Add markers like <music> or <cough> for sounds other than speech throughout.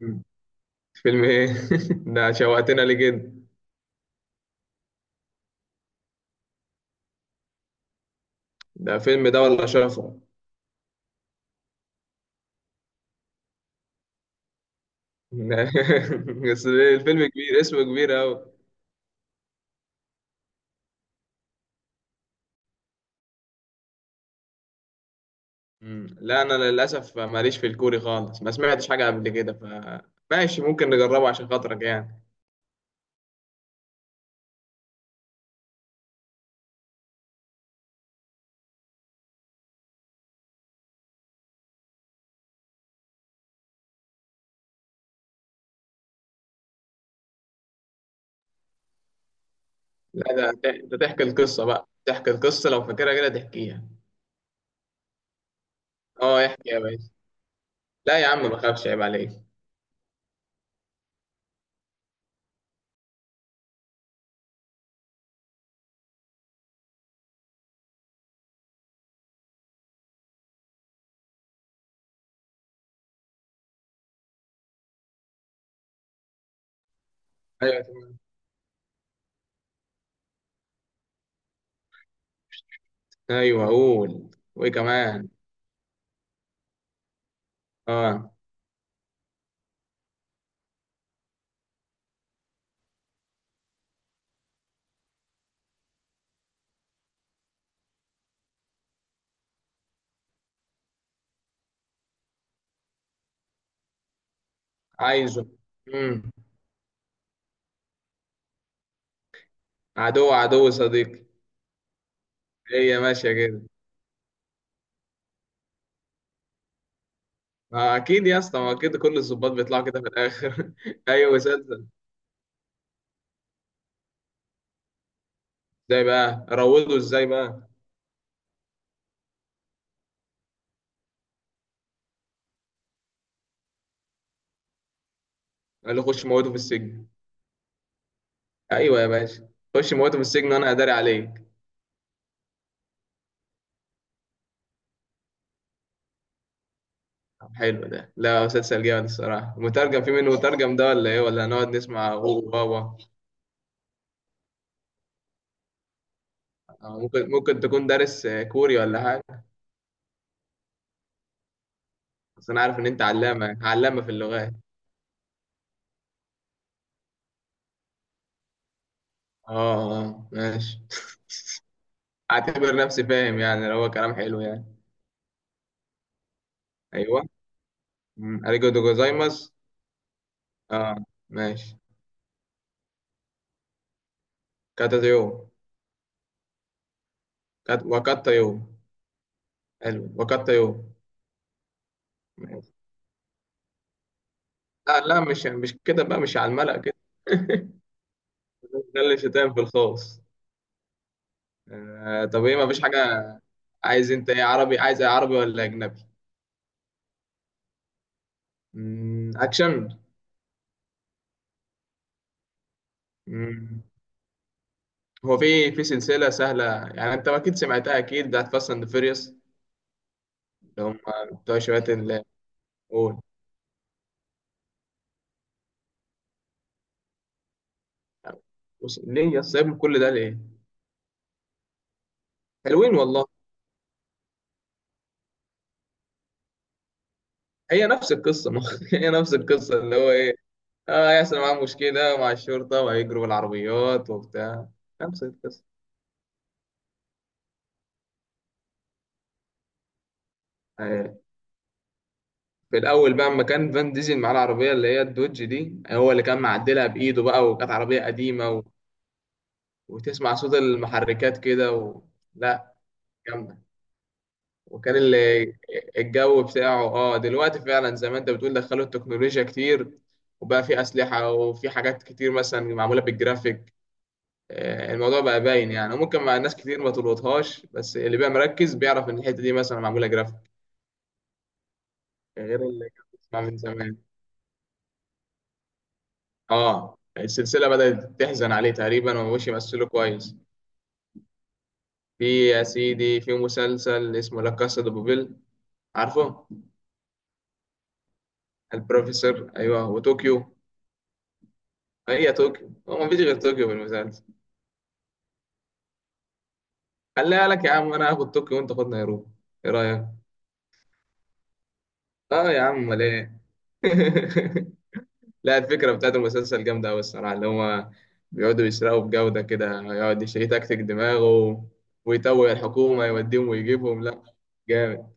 مم. فيلم ايه؟ <laughs> ده شوقتنا ليه كده؟ ده فيلم ده ولا شفرة؟ <laughs> بس ليه الفيلم كبير، اسمه كبير أوي؟ مم. لا، أنا للأسف ماليش في الكوري خالص، ما سمعتش حاجة قبل كده. فماشي، ممكن نجربه عشان خاطرك يعني. لا ده ده تحكي القصة بقى، تحكي القصة لو فاكرها كده تحكيها. اه احكي يا باشا. لا يا عم ما خافش، عيب عليك. ايوه تمام. ايوه قول. وايه كمان؟ اه عايزه. امم. عدو عدو صديقي. هي ماشية كده. ما اكيد يا اسطى، ما اكيد كل الظباط بيطلعوا كده في الاخر. <laughs> ايوه، مسلسل. ازاي بقى روضه ازاي بقى؟ قال له خش موته في السجن. ايوه يا باشا. خش موته في السجن وانا اداري عليك. طب حلو ده. لا مسلسل جامد الصراحه. مترجم؟ في منه مترجم ده ولا ايه، ولا هنقعد نسمع هو بابا؟ ممكن تكون دارس كوري ولا حاجه. بس انا عارف ان انت علامه علامه في اللغات. اه اه ماشي. <laughs> اعتبر نفسي فاهم يعني، لو هو كلام حلو يعني. ايوه. اريجو دو جوزايماس. اه ماشي. كاتاتيو. وكاتايو. حلو، وكاتايو. ماشي. لا لا، مش كده بقى، مش على الملأ كده. <laughs> ده اللي شتام في الخاص. طب ايه؟ مفيش حاجة؟ عايز انت ايه؟ عربي، عايز ايه؟ عربي ولا اجنبي؟ اكشن. مم. هو في سلسلة سهلة يعني، انت اكيد سمعتها، اكيد، بتاعت فاست اند فيريوس. اللي هم بتوع شوية اللي... قول. بص، ليه يا سايبهم كل ده ليه؟ حلوين والله. هي نفس القصة. <laughs> ما هي نفس القصة، اللي هو ايه، اه يحصل معاهم مشكلة مع الشرطة وهيجروا بالعربيات وبتاع. نفس القصة. آه. في الأول بقى أما كان فان ديزل معاه العربية، اللي هي الدوج دي هو اللي كان معدلها بإيده بقى، وكانت عربية قديمة و... وتسمع صوت المحركات كده و... لا جامدة. وكان اللي الجو بتاعه، اه دلوقتي فعلا زي ما انت بتقول، دخلوا التكنولوجيا كتير، وبقى في أسلحة وفي حاجات كتير مثلا معمولة بالجرافيك. الموضوع بقى باين يعني، وممكن مع ناس كتير ما تلقطهاش، بس اللي بقى مركز بيعرف ان الحته دي مثلا معموله جرافيك. غير اللي كان بيسمع من زمان. اه، السلسله بدات تحزن عليه تقريبا ومش يمثله كويس. في يا سيدي في مسلسل اسمه لا كاسا دي بوبيل. عارفه؟ البروفيسور، ايوه، وطوكيو. هي طوكيو. هو مفيش غير طوكيو في المسلسل؟ خليها لك يا عم، انا هاخد طوكيو وانت خد نيروبي. ايه رايك؟ اه يا عم، امال ايه؟ <laughs> لا الفكرة بتاعت المسلسل جامدة أوي الصراحة، اللي هما بيقعدوا يسرقوا بجودة كده، يقعد يتكتك دماغه ويتوه الحكومة، يوديهم ويجيبهم. لا جامد.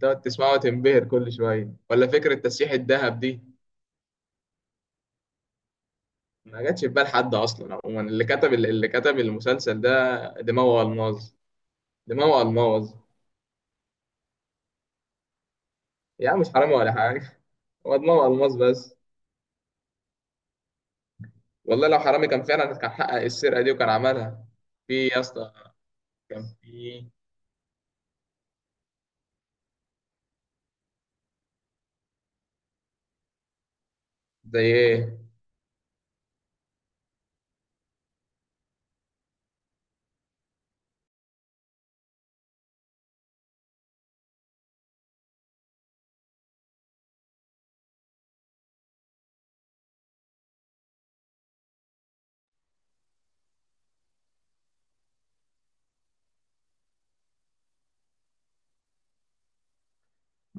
تقعد تسمعه وتنبهر كل شوية، ولا فكرة تسييح الذهب دي. ما جاتش في بال حد أصلا. عموما، اللي كتب المسلسل ده دماغه ألماظ. دماغه ألماظ. يا عم مش حرامي ولا حاجة، هو دماغه ألماظ بس. والله لو حرامي كان فعلا كان حقق السرقة دي وكان عملها. في يا اسطى. كان في... زي إيه؟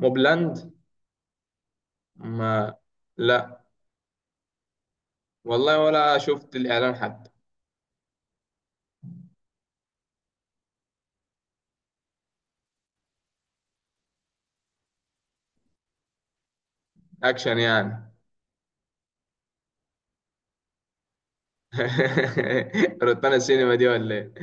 موبلاند؟ ما لا، والله ولا شفت الإعلان حتى. أكشن يعني؟ <laughs> روتانا السينما دي ولا إيه؟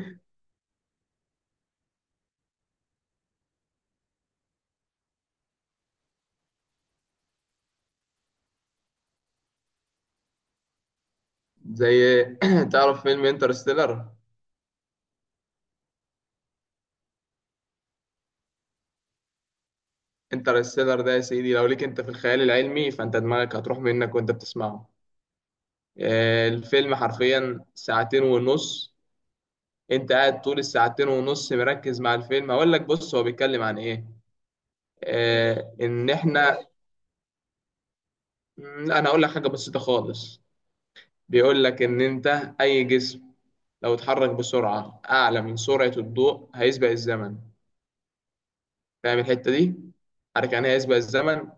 زي <clears throat> تعرف فيلم انترستيلر؟ انترستيلر ده يا سيدي، لو ليك انت في الخيال العلمي فانت دماغك هتروح منك وانت بتسمعه. الفيلم حرفيا ساعتين ونص. انت قاعد طول الساعتين ونص مركز مع الفيلم. هقول لك، بص، هو بيتكلم عن ايه. آه، ان احنا م، انا هقول لك حاجة بسيطة خالص. بيقول لك ان انت اي جسم لو اتحرك بسرعة أعلى من سرعة الضوء هيسبق الزمن. فاهم الحتة دي؟ عارف يعني إيه هيسبق الزمن؟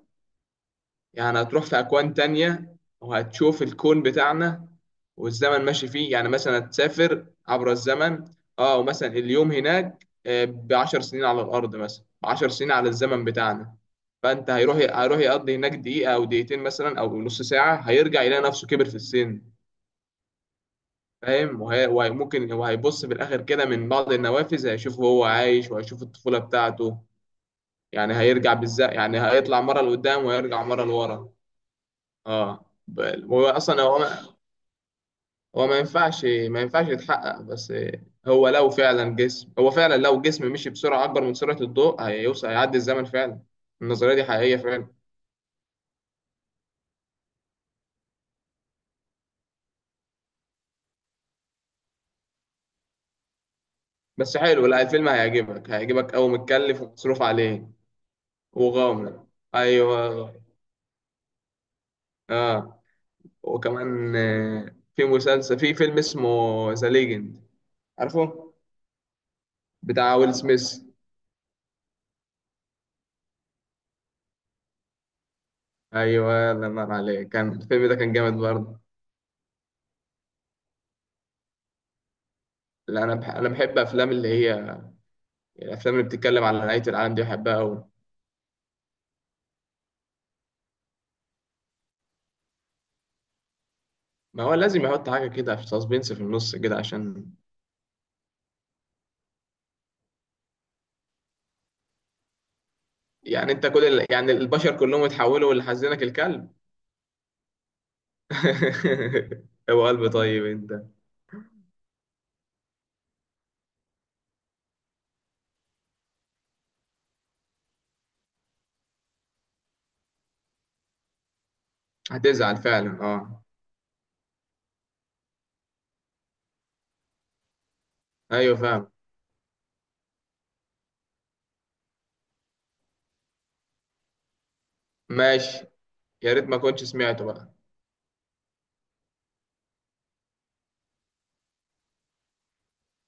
يعني هتروح في أكوان تانية وهتشوف الكون بتاعنا والزمن ماشي فيه، يعني مثلا هتسافر عبر الزمن. اه، ومثلا اليوم هناك ب10 سنين على الأرض، مثلا ب10 سنين على الزمن بتاعنا. فأنت هيروح يقضي هناك دقيقة أو دقيقتين مثلا أو نص ساعة، هيرجع يلاقي نفسه كبر في السن. فاهم؟ ممكن هو هيبص في الاخر كده من بعض النوافذ، هيشوف هو عايش وهيشوف الطفوله بتاعته. يعني هيرجع بالذات، يعني هيطلع مره لقدام وهيرجع مره لورا. اه، هو اصلا هو ما ينفعش يتحقق. بس هو فعلا لو جسم مشي بسرعه اكبر من سرعه الضوء هيوصل، هيعدي الزمن فعلا. النظريه دي حقيقيه فعلا. بس حلو، لا الفيلم هيعجبك قوي، متكلف ومصروف عليه. وغامض. ايوه. اه. وكمان في فيلم اسمه ذا ليجند، عارفه؟ بتاع ويل سميث. ايوه، الله ينور عليك، كان الفيلم ده كان جامد برضه. لا انا بح انا بحب افلام اللي هي الافلام اللي بتتكلم على نهايه العالم دي، بحبها قوي. ما هو لازم يحط حاجه كده في سسبنس في النص كده عشان... يعني انت يعني البشر كلهم اتحولوا، اللي حزنك الكلب؟ <laughs> هو قلب طيب انت. هتزعل فعلا، اه. ايوه فاهم. ماشي. يا ريت ما كنتش سمعته بقى.